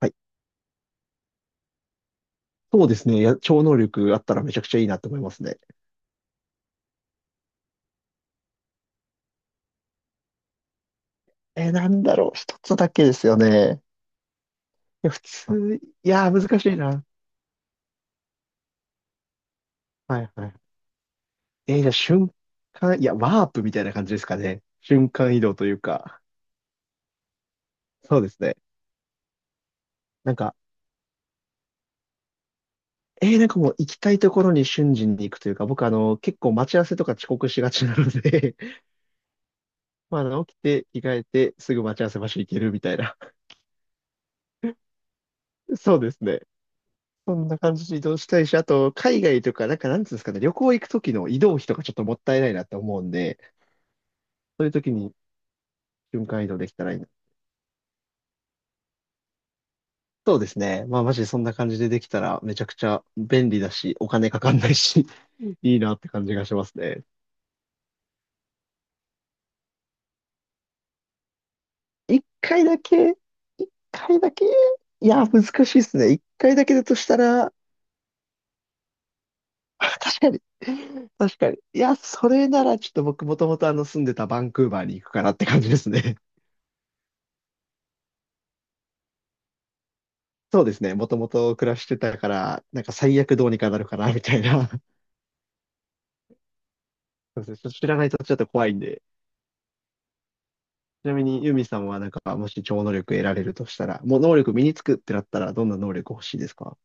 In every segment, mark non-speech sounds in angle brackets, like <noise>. はい。そうですね。いや、超能力あったらめちゃくちゃいいなと思いますね。なんだろう。一つだけですよね。いや、普通、いやー、難しいな。はいはい。じゃあ瞬間、いや、ワープみたいな感じですかね。瞬間移動というか。そうですね。なんか、なんかもう行きたいところに瞬時に行くというか、僕結構待ち合わせとか遅刻しがちなので <laughs> まあ、起きて、着替えて、すぐ待ち合わせ場所行けるみたいな。そうですね。そんな感じで移動したいし、あと、海外とか、なんか、なんつうんですかね、旅行行く時の移動費とかちょっともったいないなって思うんで、そういう時に瞬間移動できたらいいな。そうですね。まあ、マジでそんな感じでできたら、めちゃくちゃ便利だし、お金かかんないし、<laughs> いいなって感じがしますね。一回だけ、一回だけ、いや、難しいですね。一回だけだとしたら、<laughs> 確かに。確かに。いや、それならちょっと僕もともと住んでたバンクーバーに行くかなって感じですね。そうですね。もともと暮らしてたから、なんか最悪どうにかなるかな、みたいな。<laughs> そうですね。ちょっと知らないとちょっと怖いんで。ちなみに、ユミさんはなんか、もし超能力得られるとしたら、もう能力身につくってなったら、どんな能力欲しいですか？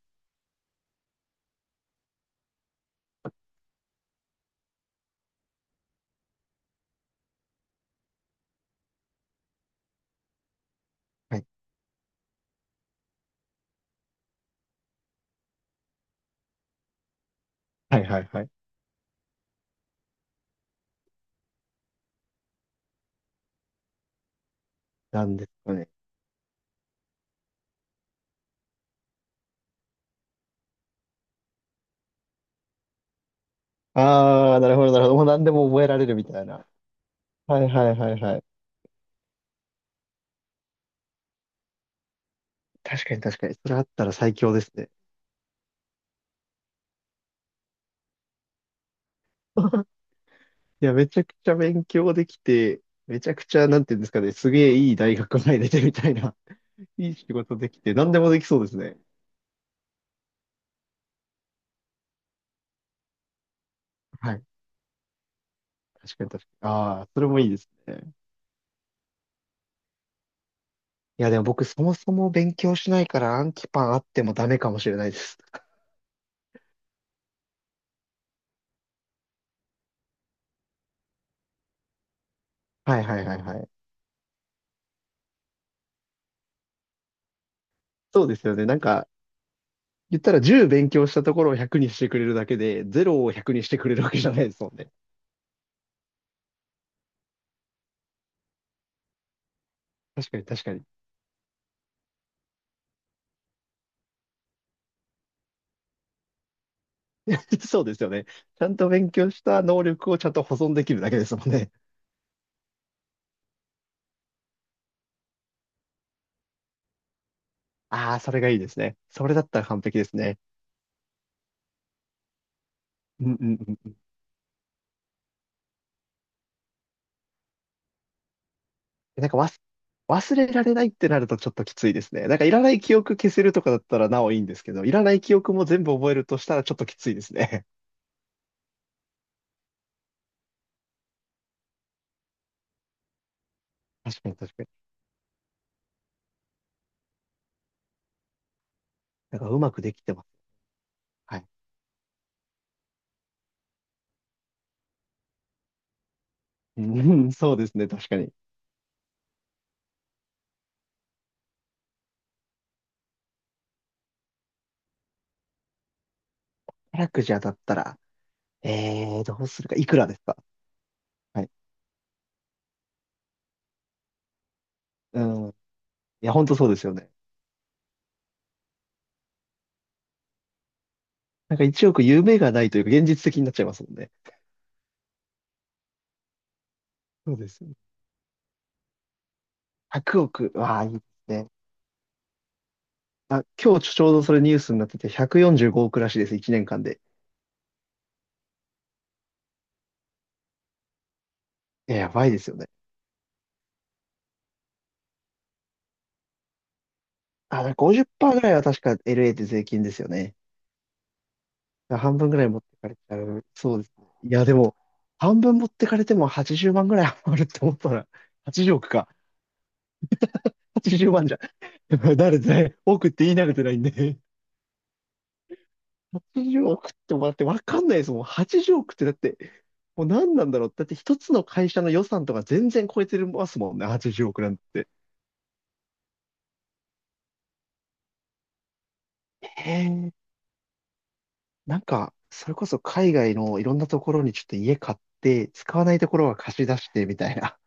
はい。はいはいはい。なんですかね。ああ、なるほどなるほど。もう何でも覚えられるみたいな。はいはいはいはい。確かに確かに。それあったら最強ですね。<laughs> いや、めちゃくちゃ勉強できて、めちゃくちゃ、なんていうんですかね、すげえいい大学入れてみたいな、<laughs> いい仕事できて、何でもできそうですね。はい。確かに確かに。ああ、それもいいですね。いや、でも僕そもそも勉強しないから暗記パンあってもダメかもしれないです。<laughs> はいはいはいはい。そうですよね。なんか、言ったら10勉強したところを100にしてくれるだけで、0を100にしてくれるわけじゃないですもんね。<laughs> 確かに確かに。<laughs> そうですよね。ちゃんと勉強した能力をちゃんと保存できるだけですもんね。ああ、それがいいですね。それだったら完璧ですね。うんうんうん。なんか忘れられないってなるとちょっときついですね。なんかいらない記憶消せるとかだったらなおいいんですけど、いらない記憶も全部覚えるとしたらちょっときついですね。<laughs> 確かに確かに。なんかうまくできてます。はい。うん、<laughs> そうですね、確かに。宝くじゃだったら、どうするか、いくらですか？はい。うん。いや、本当そうですよね。なんか1億夢がないというか現実的になっちゃいますもんね。そうですよね。100億、わあ、いいですね。あ、今日ちょうどそれニュースになってて、145億らしいです、1年間で。いややばいですよね。あ、だから50%ぐらいは確か LA で税金ですよね。だから半分ぐらい持ってかれちゃう。そうですね。いや、でも、半分持ってかれても80万ぐらい余 <laughs> るって思ったら、80億か。80万じゅうまんじゃ。<laughs> 慣れてない。億って言い慣れてないんで。80億ってもだってわかんないですもん。80億ってだって、もう何なんだろう。だって一つの会社の予算とか全然超えてますもんね。80億なんて。へえ。なんか、それこそ海外のいろんなところにちょっと家買って、使わないところは貸し出してみたいな。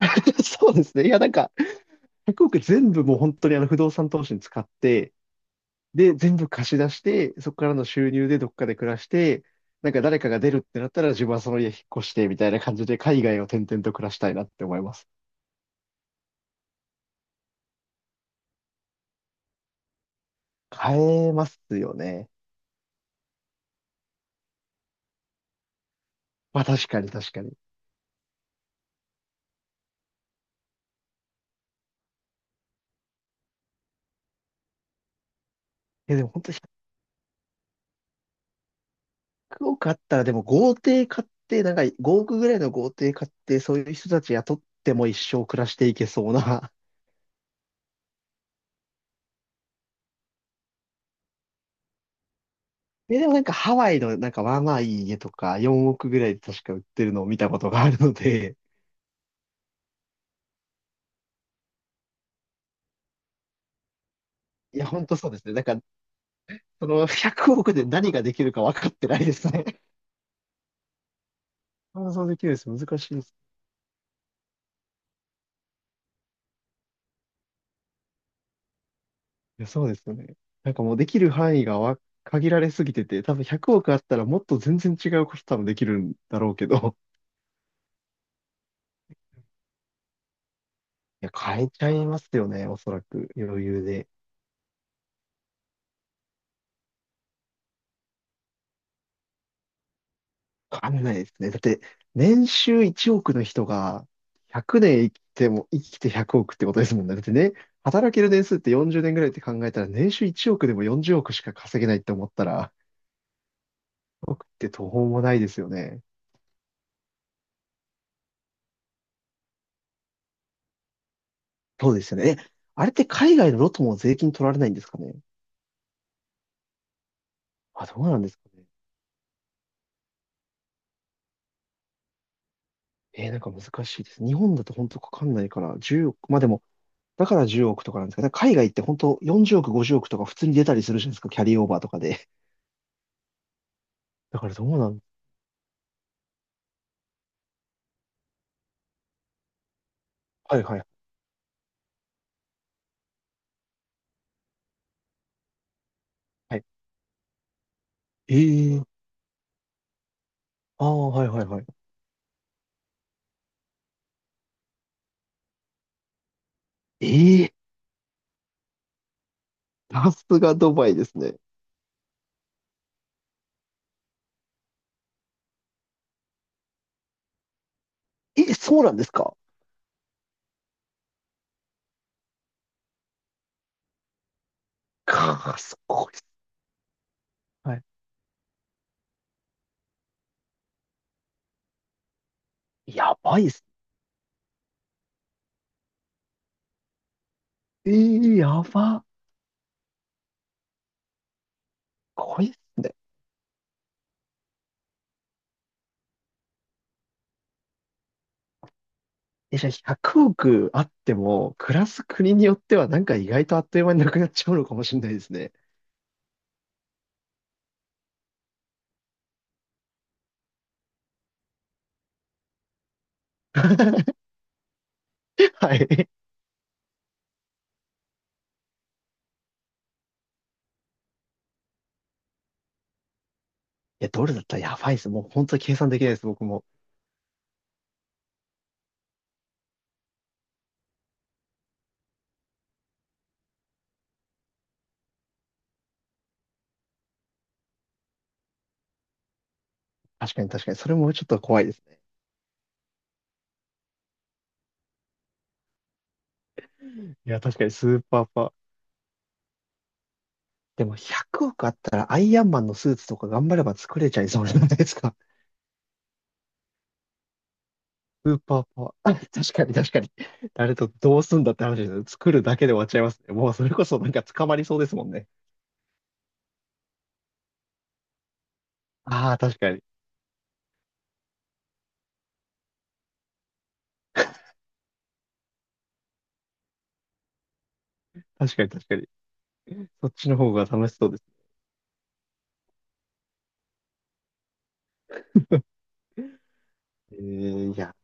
<laughs> そうですね。いや、なんか、1 0全部もう本当に不動産投資に使って、で、全部貸し出して、そこからの収入でどっかで暮らして、なんか誰かが出るってなったら自分はその家引っ越してみたいな感じで海外を転々と暮らしたいなって思います。買えますよね。まあ確かに確かに。え、でも本当100億あったらでも豪邸買って、なんか5億ぐらいの豪邸買って、そういう人たち雇っても一生暮らしていけそうな。<laughs> え、でもなんかハワイのなんかまあまあいい家とか4億ぐらいで確か売ってるのを見たことがあるので、<laughs> いや、ほんとそうですね。なんか、その100億で何ができるか分かってないですね。<laughs> 想像できるです。難しいです。いや、そうですよね。なんかもうできる範囲が限られすぎてて、多分100億あったらもっと全然違うこと多分できるんだろうけど、<laughs> いや、変えちゃいますよね、おそらく余裕で。わかんないですね。だって、年収1億の人が100年生きても、生きて100億ってことですもんね。だってね、働ける年数って40年ぐらいって考えたら、年収1億でも40億しか稼げないって思ったら、億って途方もないですよね。そうですよね。え、あれって海外のロトも税金取られないんですかね。あ、どうなんですかね。なんか難しいです。日本だと本当かかんないから、1億、まあでも、だから10億とかなんですかね。だから海外って本当40億、50億とか普通に出たりするじゃないですか。キャリーオーバーとかで。だからどうなん。はいはい。はい、ええ、ああー、はいはいはい。ええ、さすがドバイですね。え、そうなんですか？かあ、すごいっす。はい。やばいっす。ええ、やば。すごいっすね。え、じゃあ100億あっても、暮らす国によってはなんか意外とあっという間になくなっちゃうのかもしれないですね。<laughs> はい。いや、ドルだったらやばいです。もう本当に計算できないです、僕も。確かに確かに。それもちょっと怖いですね。いや、確かにスーパーパー。でも100億あったらアイアンマンのスーツとか頑張れば作れちゃいそうじゃないですか。スーパーパワー。<laughs> あ、確かに確かに。誰とどうすんだって話ですよ。作るだけで終わっちゃいますね。もうそれこそなんか捕まりそうですもんね。ああ、確かに。確かに確かに。そっちの方が楽しそうです。<laughs> いや、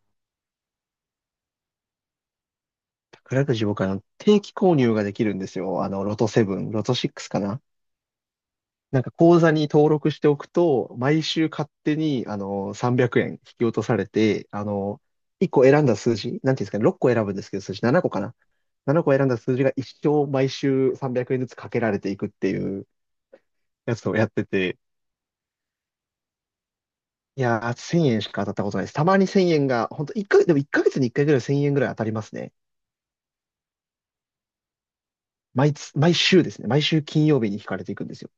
宝くじ僕は定期購入ができるんですよ。ロト7、ロト6かな。なんか口座に登録しておくと、毎週勝手に、300円引き落とされて、1個選んだ数字、なんていうんですかね、6個選ぶんですけど、数字7個かな。7個選んだ数字が一生毎週300円ずつかけられていくっていうやつをやってて、いやー、1000円しか当たったことないです。たまに1000円が、本当一ヶでも1ヶ月に1回ぐらい1000円ぐらい当たりますね。毎週ですね。毎週金曜日に引かれていくんですよ。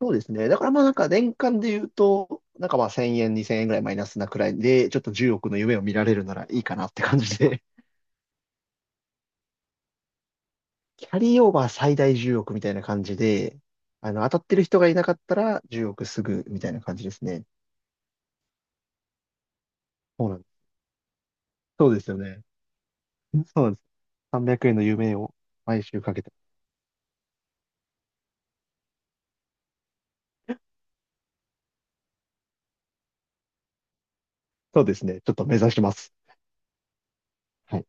そうですね。だからまあなんか年間で言うと、なんかまあ1000円、2000円ぐらいマイナスなくらいで、ちょっと10億の夢を見られるならいいかなって感じで。<laughs> キャリーオーバー最大10億みたいな感じで、当たってる人がいなかったら10億すぐみたいな感じですね。そうなんです。そうですよね。そうです。300円の夢を毎週かけて。そうですね。ちょっと目指します。はい。